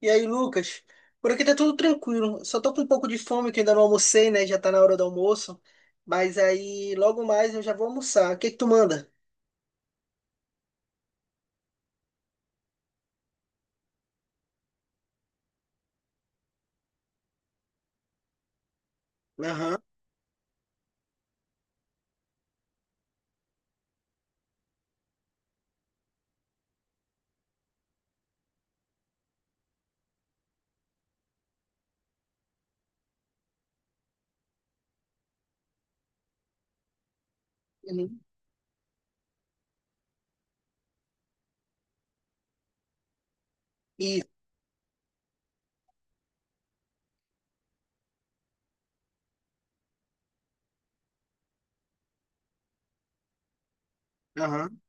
E aí, Lucas? Por aqui tá tudo tranquilo. Só tô com um pouco de fome, que ainda não almocei, né? Já tá na hora do almoço. Mas aí, logo mais eu já vou almoçar. O que que tu manda? Aham. Uhum. Isso. Aham.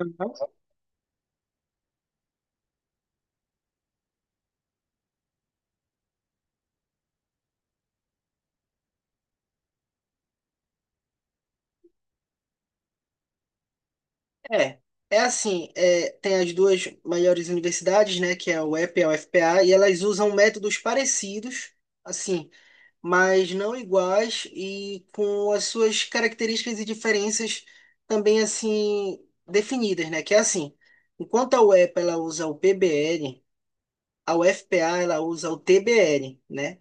Aham. É. Tem as duas maiores universidades, né? Que é a UEP e P e a UFPA, e elas usam métodos parecidos, assim, mas não iguais e com as suas características e diferenças também assim definidas, né? Enquanto a UEPA ela usa o PBL, a UFPA ela usa o TBL, né?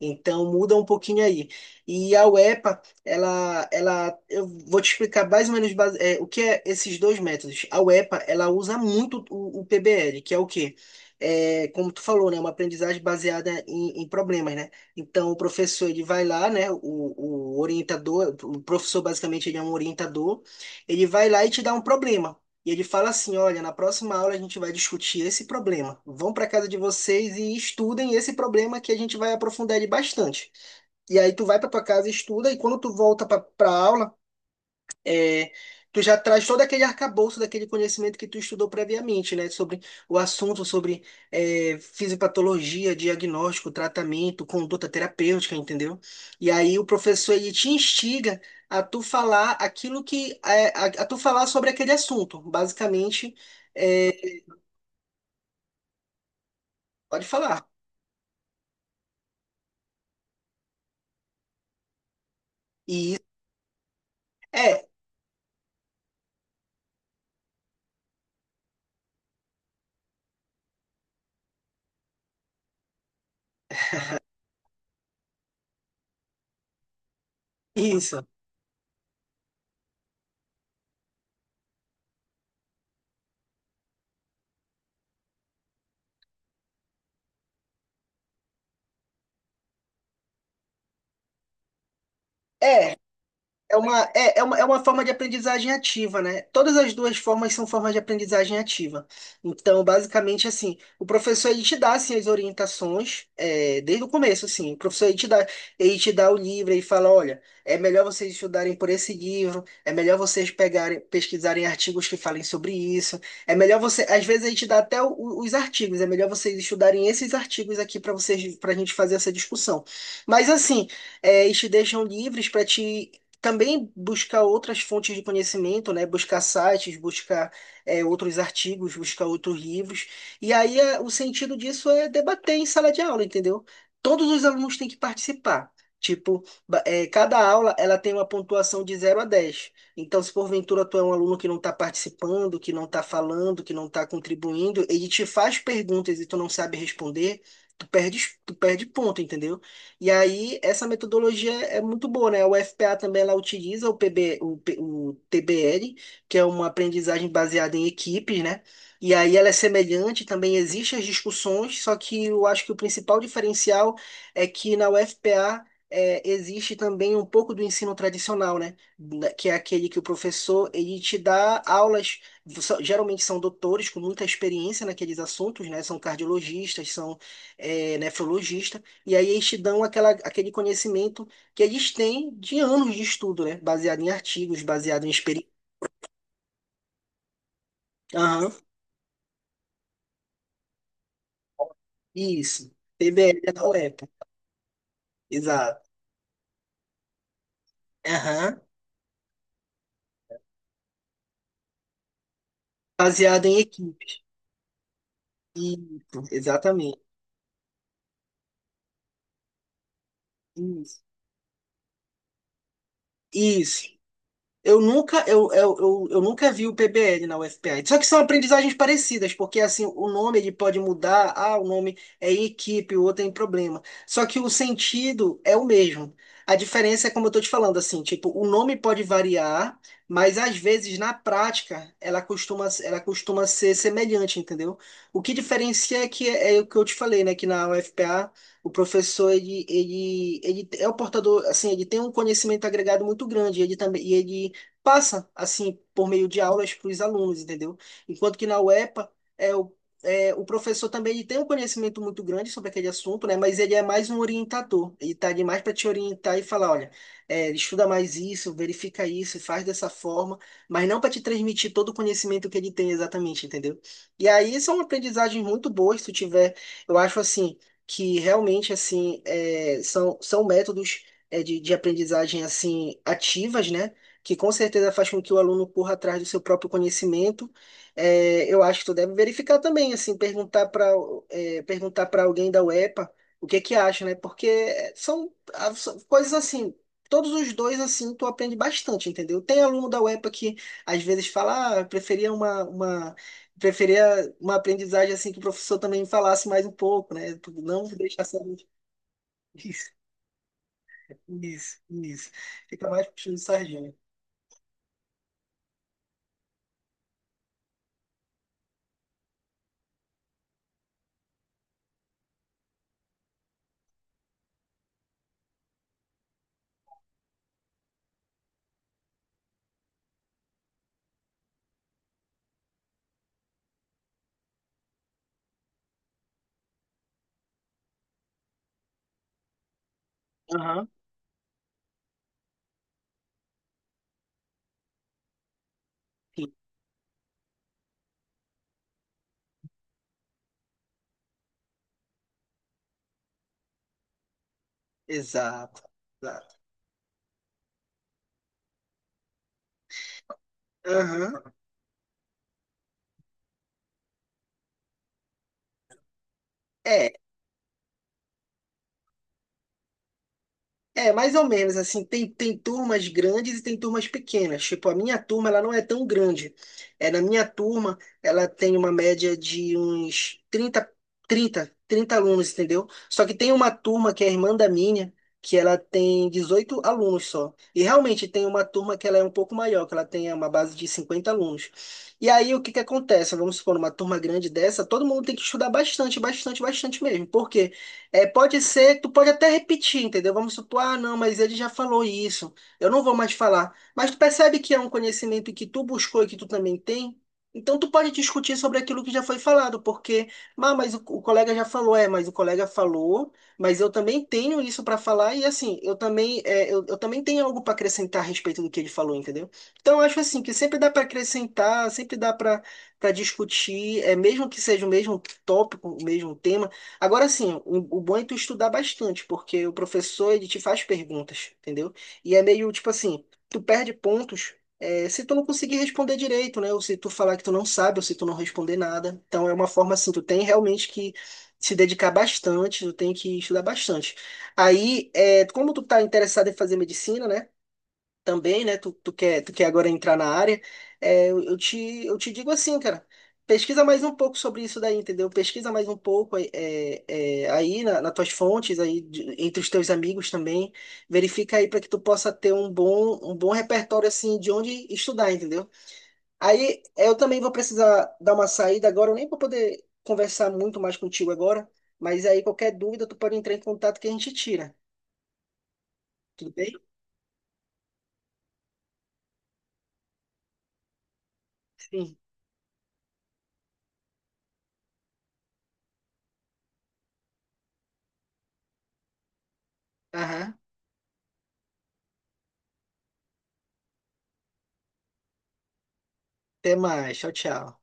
Então muda um pouquinho aí. E a UEPA, eu vou te explicar mais ou menos o que é esses dois métodos. A UEPA, ela usa muito o PBL, que é o quê? Como tu falou, né, uma aprendizagem baseada em problemas, né? Então o professor ele vai lá, né? O orientador, o professor basicamente ele é um orientador, ele vai lá e te dá um problema. E ele fala assim: olha, na próxima aula a gente vai discutir esse problema. Vão para casa de vocês e estudem esse problema que a gente vai aprofundar ele bastante. E aí tu vai para tua casa, estuda, e quando tu volta para a aula, é, tu já traz todo aquele arcabouço daquele conhecimento que tu estudou previamente, né? Sobre o assunto, sobre fisiopatologia, diagnóstico, tratamento, conduta terapêutica, entendeu? E aí o professor ele te instiga a tu falar aquilo a tu falar sobre aquele assunto. Basicamente, é, pode falar. E isso- é isso. É, É uma, é uma, é uma forma de aprendizagem ativa, né? Todas as duas formas são formas de aprendizagem ativa. Então, basicamente, assim, o professor ele te dá assim, as orientações desde o começo, assim. O professor ele te dá o livro e fala, olha, é melhor vocês estudarem por esse livro, é melhor vocês pegarem, pesquisarem artigos que falem sobre isso, é melhor você, às vezes ele te dá até os artigos, é melhor vocês estudarem esses artigos aqui para vocês, para a gente fazer essa discussão. Mas assim, eles te deixam livres para te também buscar outras fontes de conhecimento, né? Buscar sites, buscar outros artigos, buscar outros livros. E o sentido disso é debater em sala de aula, entendeu? Todos os alunos têm que participar. Tipo, cada aula ela tem uma pontuação de zero a 10. Então, se porventura tu é um aluno que não está participando, que não está falando, que não está contribuindo, ele te faz perguntas e tu não sabe responder, tu perde, tu perde ponto, entendeu? E aí, essa metodologia é muito boa, né? O FPA também ela utiliza o, PB, o, P- o TBL, que é uma aprendizagem baseada em equipes, né? E aí ela é semelhante, também existem as discussões, só que eu acho que o principal diferencial é que na UFPA existe também um pouco do ensino tradicional, né? Que é aquele que o professor ele te dá aulas, geralmente são doutores com muita experiência naqueles assuntos, né? São cardiologistas, são nefrologistas. E aí eles te dão aquele conhecimento que eles têm de anos de estudo, né? Baseado em artigos, baseado em experiência. Aham, isso. PBL é da UEPA. Exato. Aham. Baseado em equipes. Isso, exatamente. Isso. Isso. Eu nunca vi o PBL na UFPA. Só que são aprendizagens parecidas, porque assim, o nome ele pode mudar, ah, o nome é em equipe, o outro é em problema. Só que o sentido é o mesmo. A diferença é como eu tô te falando, assim, tipo, o nome pode variar, mas às vezes na prática ela costuma ser semelhante, entendeu? O que diferencia é o que eu te falei, né, que na UFPA o professor, ele é o portador, assim, ele tem um conhecimento agregado muito grande, ele também, e ele passa, assim, por meio de aulas para os alunos, entendeu? Enquanto que na UEPA, é, o, o professor também ele tem um conhecimento muito grande sobre aquele assunto, né? Mas ele é mais um orientador. Ele está ali mais para te orientar e falar, olha, estuda mais isso, verifica isso, faz dessa forma, mas não para te transmitir todo o conhecimento que ele tem exatamente, entendeu? E aí são aprendizagens muito boas, se tu tiver, eu acho assim, que realmente, assim, são métodos de aprendizagem, assim, ativas, né? Que com certeza faz com que o aluno corra atrás do seu próprio conhecimento. É, eu acho que tu deve verificar também, assim, perguntar para alguém da UEPA o que que acha, né? Porque são, ah, são coisas assim. Todos os dois, assim, tu aprende bastante, entendeu? Tem aluno da UEPA que às vezes fala, ah, eu preferia preferia uma aprendizagem assim que o professor também falasse mais um pouco, né? Não deixar só isso, isso, isso. Fica mais puxando sardinha. Aham. Exato, exato. Aham. É, é mais ou menos assim, tem, tem turmas grandes e tem turmas pequenas. Tipo, a minha turma, ela não é tão grande. É, na minha turma, ela tem uma média de uns 30 trinta alunos, entendeu? Só que tem uma turma que é a irmã da minha, que ela tem 18 alunos só. E realmente tem uma turma que ela é um pouco maior, que ela tem uma base de 50 alunos. E aí, o que que acontece? Vamos supor, uma turma grande dessa, todo mundo tem que estudar bastante, bastante, bastante mesmo. Porque é, pode ser, tu pode até repetir, entendeu? Vamos supor, ah, não, mas ele já falou isso, eu não vou mais falar. Mas tu percebe que é um conhecimento que tu buscou e que tu também tem? Então tu pode discutir sobre aquilo que já foi falado, porque, ah, o colega já falou, é, mas o colega falou, mas eu também tenho isso para falar e assim, eu também, eu também tenho algo para acrescentar a respeito do que ele falou, entendeu? Então eu acho assim que sempre dá para acrescentar, sempre dá para discutir, é mesmo que seja o mesmo tópico, o mesmo tema. Agora, assim, o bom é tu estudar bastante, porque o professor, ele te faz perguntas, entendeu? E é meio, tipo assim, tu perde pontos, é, se tu não conseguir responder direito, né? Ou se tu falar que tu não sabe, ou se tu não responder nada. Então, é uma forma, assim, tu tem realmente que se dedicar bastante, tu tem que estudar bastante. Aí, é, como tu tá interessado em fazer medicina, né? Também, né? Tu quer agora entrar na área, é, eu, eu te, eu te digo assim, cara, pesquisa mais um pouco sobre isso daí, entendeu? Pesquisa mais um pouco aí nas tuas fontes, entre os teus amigos também, verifica aí para que tu possa ter um bom repertório assim de onde estudar, entendeu? Aí eu também vou precisar dar uma saída agora, eu nem vou poder conversar muito mais contigo agora, mas aí qualquer dúvida tu pode entrar em contato que a gente tira, tudo bem? Sim. Aham. Até mais, tchau, tchau.